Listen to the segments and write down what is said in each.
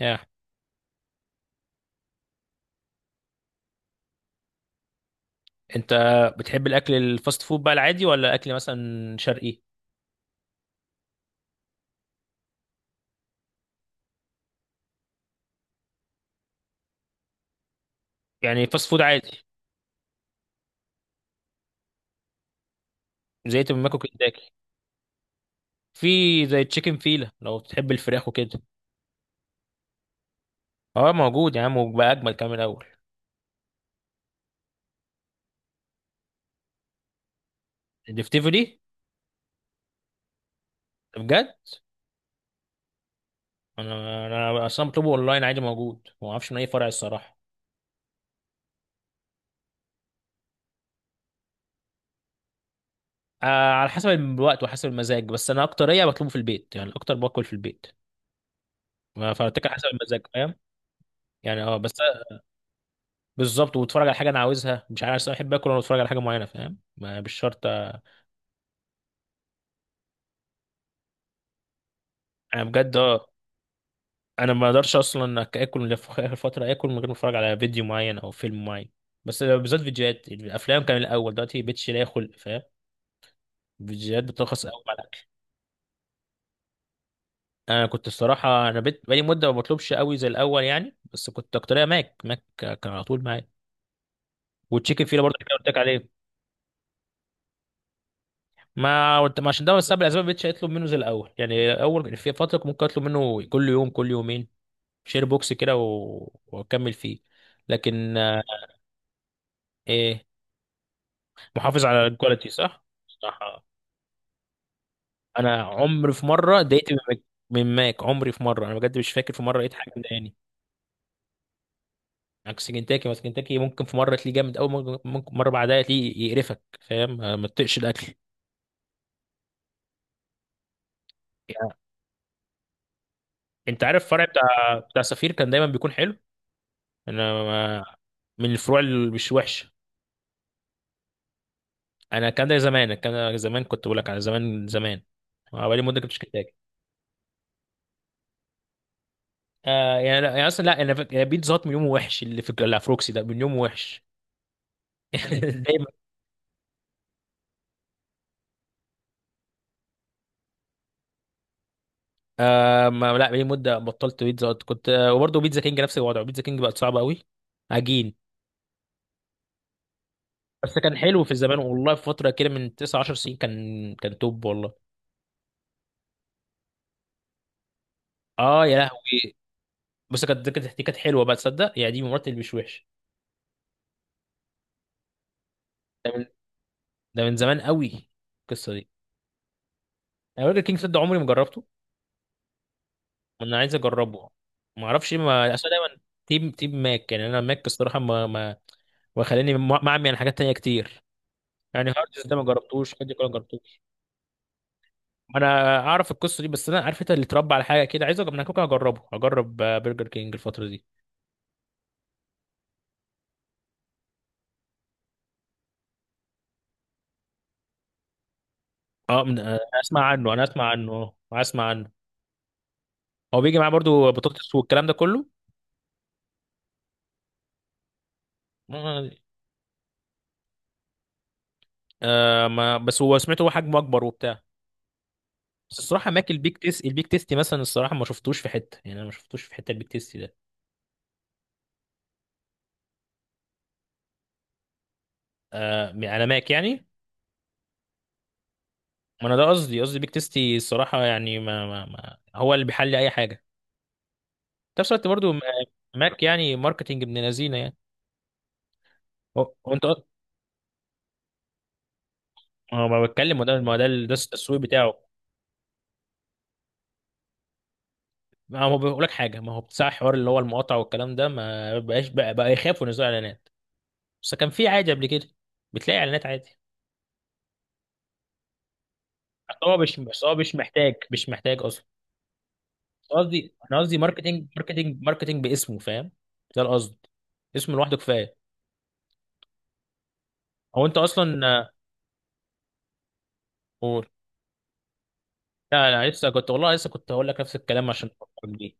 يا انت، بتحب الاكل الفاست فود بقى العادي ولا اكل مثلا شرقي؟ يعني فاست فود عادي؟ زي تمام كنتاكي. في زي تشيكن فيلا لو بتحب الفراخ وكده. اه موجود يا عم وبقى اجمل كمان من الاول. الدفتيفو دي؟ ده بجد؟ انا اصلا بطلبه اونلاين عادي موجود، ما اعرفش من اي فرع الصراحه. آه على حسب الوقت وحسب المزاج، بس انا اكتريه بطلبه في البيت، يعني اكتر باكل في البيت. فبتاكل حسب المزاج، فاهم؟ يعني اه بس. بالظبط، واتفرج على حاجه انا عاوزها، مش عارف أصل انا بحب اكل وانا بتفرج على حاجه معينه، فاهم؟ مش شرط. انا بجد اه. انا ما اقدرش اصلا اكل في اخر فتره اكل من غير ما اتفرج على فيديو معين او فيلم معين. بس بالذات فيديوهات الافلام كان الاول، دلوقتي بقتش لاقي خلق، فاهم؟ فيديوهات بترخص قوي على الاكل. انا كنت الصراحه، انا بقيت بقالي مده ما بطلبش قوي زي الاول يعني، بس كنت اكتريه ماك. ماك كان على طول معايا، والتشيكن فيلا برضه اللي قلت لك عليه. ما قلت- ما عشان ده بس الاسباب ما بقتش اطلب منه زي الاول يعني، اول في فتره كنت ممكن اطلب منه كل يوم كل يومين، شير بوكس كده واكمل فيه. لكن ايه؟ محافظ على الكواليتي، صح؟ صح. انا عمري في مره اتضايقت من ماك. من ماك. عمري في مره، انا بجد مش فاكر في مره لقيت حاجه مضايقاني. عكس كنتاكي مثلا، كنتاكي ممكن في مره تلاقيه جامد قوي، ممكن مره بعدها تلاقيه يقرفك، فاهم؟ ما تطقش الاكل يعني. انت عارف الفرع بتاع سفير كان دايما بيكون حلو. انا ما- من الفروع اللي مش وحشه. انا كان ده زمان، كان ده زمان، كنت بقول لك على زمان زمان. بقالي مده كنتش كنتاكي. آه يعني، لا يعني اصلا، لا يعني بيتزا هات من يومه وحش، اللي في اللي على فروكسي ده من يومه وحش. دايما. آه ما لا، بقالي مده بطلت بيتزا هت. كنت آه، وبرضه بيتزا كينج نفس الوضع، بيتزا كينج بقت صعبه قوي. عجين. بس كان حلو في الزمان والله، في فتره كده من 9 10 سنين كان كان توب والله. اه يا لهوي. بس كانت، كانت دي كانت حلوه بقى، تصدق؟ يعني دي من المرات اللي مش وحش. ده من ده من زمان قوي القصه دي. انا برجر كينج صدق عمري ما جربته. انا عايز اجربه. ما اعرفش إيه، ما اصل أنا دايما تيم ماك. يعني انا ماك الصراحه ما، وخلاني معمي عن حاجات تانية كتير. يعني هاردز ده ما جربتوش، حد كله جربتوش؟ انا اعرف القصه دي، بس انا عارف انت اللي اتربى على حاجه كده. عايز اجرب انا كوكا، هجرب برجر كينج الفتره دي. اه من... آه، اسمع عنه، انا اسمع عنه، اه اسمع عنه. هو بيجي معاه برضو بطاطس والكلام ده كله. آه. آه، ما بس هو سمعته، هو حجمه اكبر وبتاع. بس الصراحه ماك، البيك تيستي مثلا الصراحه ما شفتوش في حته، يعني انا ما شفتوش في حته البيك تيستي ده. آه على ماك يعني. ما انا ده قصدي، قصدي بيك تيستي الصراحه، يعني ما هو اللي بيحل اي حاجه في نفس الوقت برضو ماك. يعني ماركتينج ابن لذينه يعني. هو انت، هو ما بتكلم وده ما ده ده التسويق بتاعه. ما هو بيقول لك حاجه، ما هو بتاع حوار اللي هو المقاطعه والكلام ده، ما بقاش بقى يخافوا ينزلوا اعلانات. بس كان في عادي قبل كده، بتلاقي اعلانات عادي. بس هو مش محتاج، مش محتاج اصلا. بس قصدي انا قصدي، ماركتنج باسمه، فاهم؟ ده القصد، اسمه لوحده كفايه. هو انت اصلا قول. لا لا لسه كنت والله، لسه كنت هقول لك نفس الكلام عشان أفكر دي.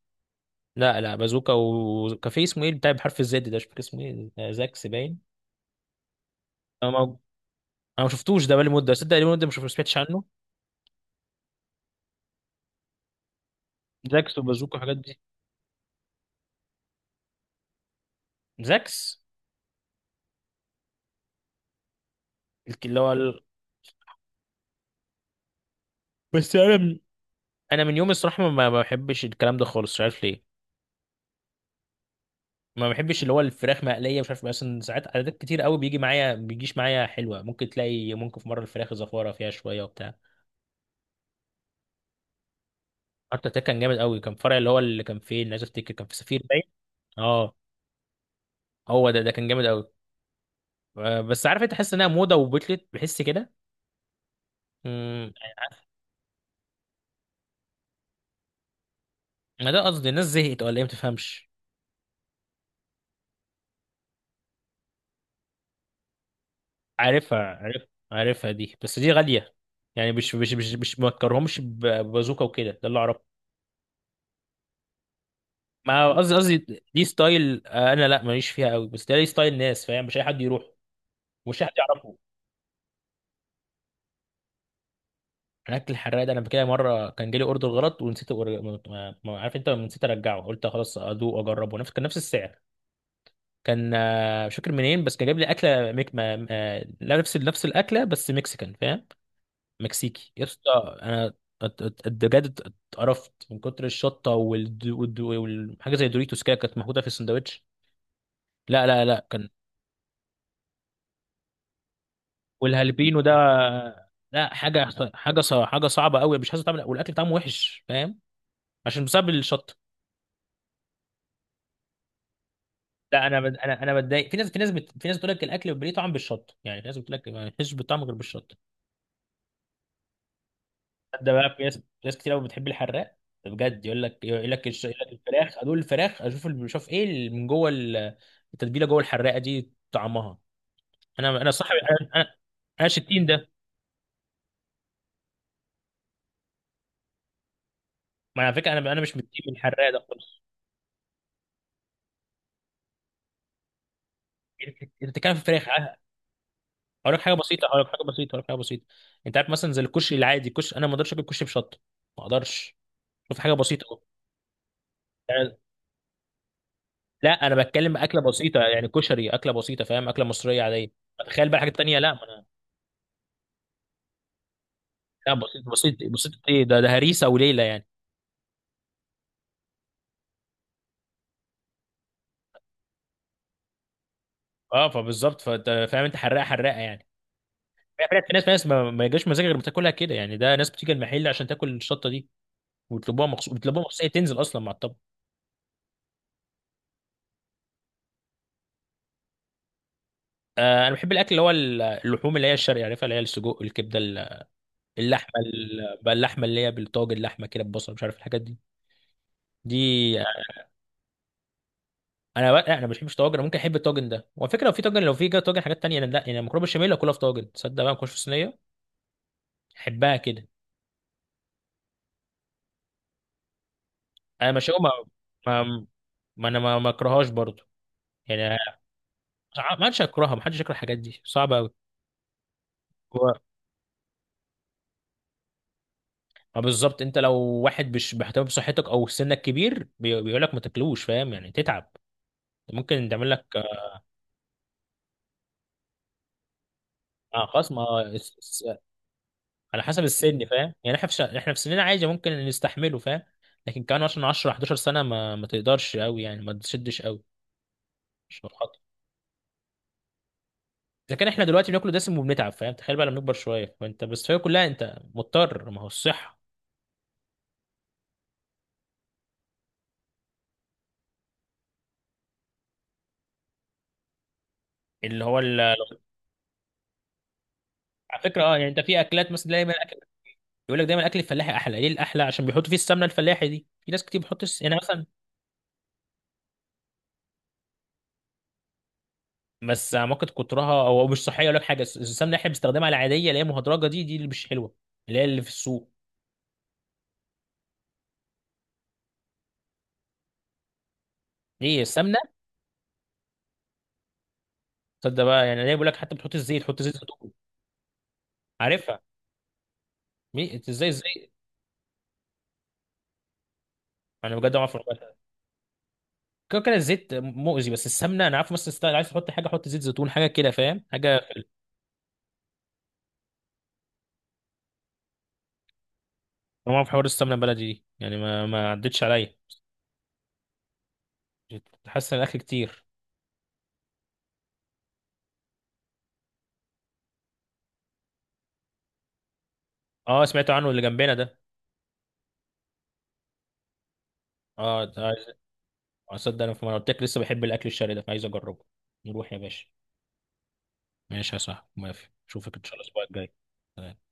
لا لا بازوكا، وكافيه اسمه ايه بتاع بحرف الزد ده مش فاكر اسمه ايه، زاكس باين. انا ما شفتوش ده بقالي مده، صدق بقالي مده ما سمعتش عنه. زاكس وبازوكا والحاجات دي. زاكس. الك- اللي هو ال... بس انا من... انا من يوم الصراحه ما بحبش الكلام ده خالص، مش عارف ليه. ما بحبش اللي هو الفراخ مقليه، مش عارف، مثلا ساعات عادات كتير قوي بيجي معايا ما بيجيش معايا حلوه. ممكن تلاقي ممكن في مره الفراخ زفاره فيها شويه وبتاع. حتى ده كان جامد قوي، كان فرع اللي هو اللي كان فين؟ عايز افتكر كان في سفير باين. اه، هو ده ده كان جامد قوي. بس عارف انت، تحس انها موضه وبتلت، بحس كده. امم ما ده قصدي، الناس زهقت ولا ايه ما تفهمش. عارفها عارف، عارفها دي بس دي غالية. يعني مش ما اكرهمش ببازوكا وكده، ده اللي اعرفه. ما قصدي قصدي دي ستايل، انا لا ماليش فيها قوي، بس ده ليه ستايل ناس، فاهم؟ مش اي حد يروح ومش اي حد يعرفه. الاكل الحراق ده انا كده مره كان جالي اوردر غلط ونسيت عارف انت، نسيت ارجعه قلت خلاص ادوق واجربه، نفس كان نفس السعر. كان مش فاكر منين، بس كان جايب لي اكله ميك ما لا، نفس الاكله بس مكسيكان فاهم، مكسيكي يا اسطى. انا بجد اتقرفت من كتر الشطه والحاجه زي دوريتوس كده كانت محطوطه في السندوتش. لا لا لا كان، والهالبينو ده لا حاجه، حاجه صعبه قوي، مش عايز تعمل والاكل طعمه وحش، فاهم؟ عشان بسبب الشطه. لا انا بد- انا انا بتضايق. في ناس، في ناس بتقول لك الاكل بيبقى ليه طعم بالشطه، يعني في ناس بتقول لك ما فيش طعم غير بالشطه. ده بقى، في ناس، ناس كتير قوي بتحب الحراق، بجد. يقول لك، يقول لك الفراخ ادوق الفراخ اشوف بشوف ايه اللي من جوه التتبيله جوه، الحراقه دي طعمها. انا انا صاحب انا انا أنا مش التيم ده. ما على فكره انا، انا مش من التيم الحراق ده خالص. انت بتتكلم في الفراخ اقول لك حاجه بسيطه، انت عارف مثلا زي الكشري العادي، الكشري انا ما اقدرش اكل كشري بشطه، ما اقدرش. شوف حاجه بسيطه أهو. يعني- لا انا بتكلم اكله بسيطه، يعني كشري اكله بسيطه فاهم، اكله مصريه عاديه. تخيل بقى حاجه تانية. لا لا، بسيط ايه ده؟ ده هريسه وليله يعني. اه فبالظبط، فانت فاهم، انت حراقه يعني. في ناس ما يجاش مزاجها غير بتاكلها كده يعني، ده ناس بتيجي المحل عشان تاكل الشطه دي، ويطلبوها مخصوص، بيطلبوها مخصوص، هي تنزل اصلا مع الطبق. آه انا بحب الاكل اللي هو اللحوم اللي هي الشرقي، عارفها، اللي هي السجق الكبده اللحمه بقى اللحمه اللي هي بالطاجن، اللحمه كده ببصل، مش عارف الحاجات دي دي. انا بقى لا، انا ما بحبش طاجن. أنا ممكن احب الطاجن ده، وعلى فكره لو في طاجن، لو في طاجن حاجات تانيه انا لا. يعني مكرونه بشاميل اكلها في طاجن، تصدق بقى، ما اكلش في صينيه، احبها كده. انا مش ما ما ما انا ما اكرهاش برضو يعني. ما حدش هيكرهها، ما حدش يكره، الحاجات دي صعبه قوي. هو ما بالظبط، انت لو واحد مش بيهتم بصحتك او سنك كبير، بيقول لك ما تاكلوش، فاهم؟ يعني تتعب، ممكن تعمل لك. خلاص ما على حسب السن، فاهم؟ يعني احنا في احنا في سننا عادي ممكن نستحمله، فاهم؟ لكن كمان عشان 10 11 سنه ما تقدرش قوي، يعني ما تشدش قوي، مش هتخاطر. اذا كان احنا دلوقتي بناكل دسم وبنتعب، فاهم؟ تخيل بقى لما نكبر شويه، فانت بس هي كلها، انت مضطر، ما هو الصحه. اللي هو ال- على فكره اه يعني، انت في اكلات مثلا، دايما اكل يقول لك دايما الاكل الفلاحي احلى. ليه الاحلى؟ عشان بيحطوا فيه السمنه الفلاحي دي، في ناس كتير بتحط يعني مثلا. بس ممكن كترها او مش صحيه ولا حاجه، السمنه اللي احنا بنستخدمها العاديه اللي هي مهدرجه دي، دي اللي مش حلوه، اللي هي اللي في السوق. ليه السمنه؟ تصدق بقى، يعني ليه بيقول لك حتى بتحط الزيت، حط زيت زيتون، عارفها. إنت ازاي الزيت؟ انا بجد ما اعرف أعملها. كده كده الزيت مؤذي، بس السمنه انا عارف، مثلا ستايل عايز تحط حاجه، حط زيت زيتون حاجه كده، فاهم؟ حاجه. طبعا في حوار السمنه البلدي دي، يعني ما عدتش عليا. حاسس ان الاكل كتير. اه سمعت عنه، اللي جنبنا ده؟ اه ده. اصدق، انا في، ما أنا قلت لك لسه بحب الاكل الشرقي ده، فعايز اجربه. نروح يا باشا. ماشي يا صاحبي، موافق، اشوفك ان شاء الله الاسبوع الجاي.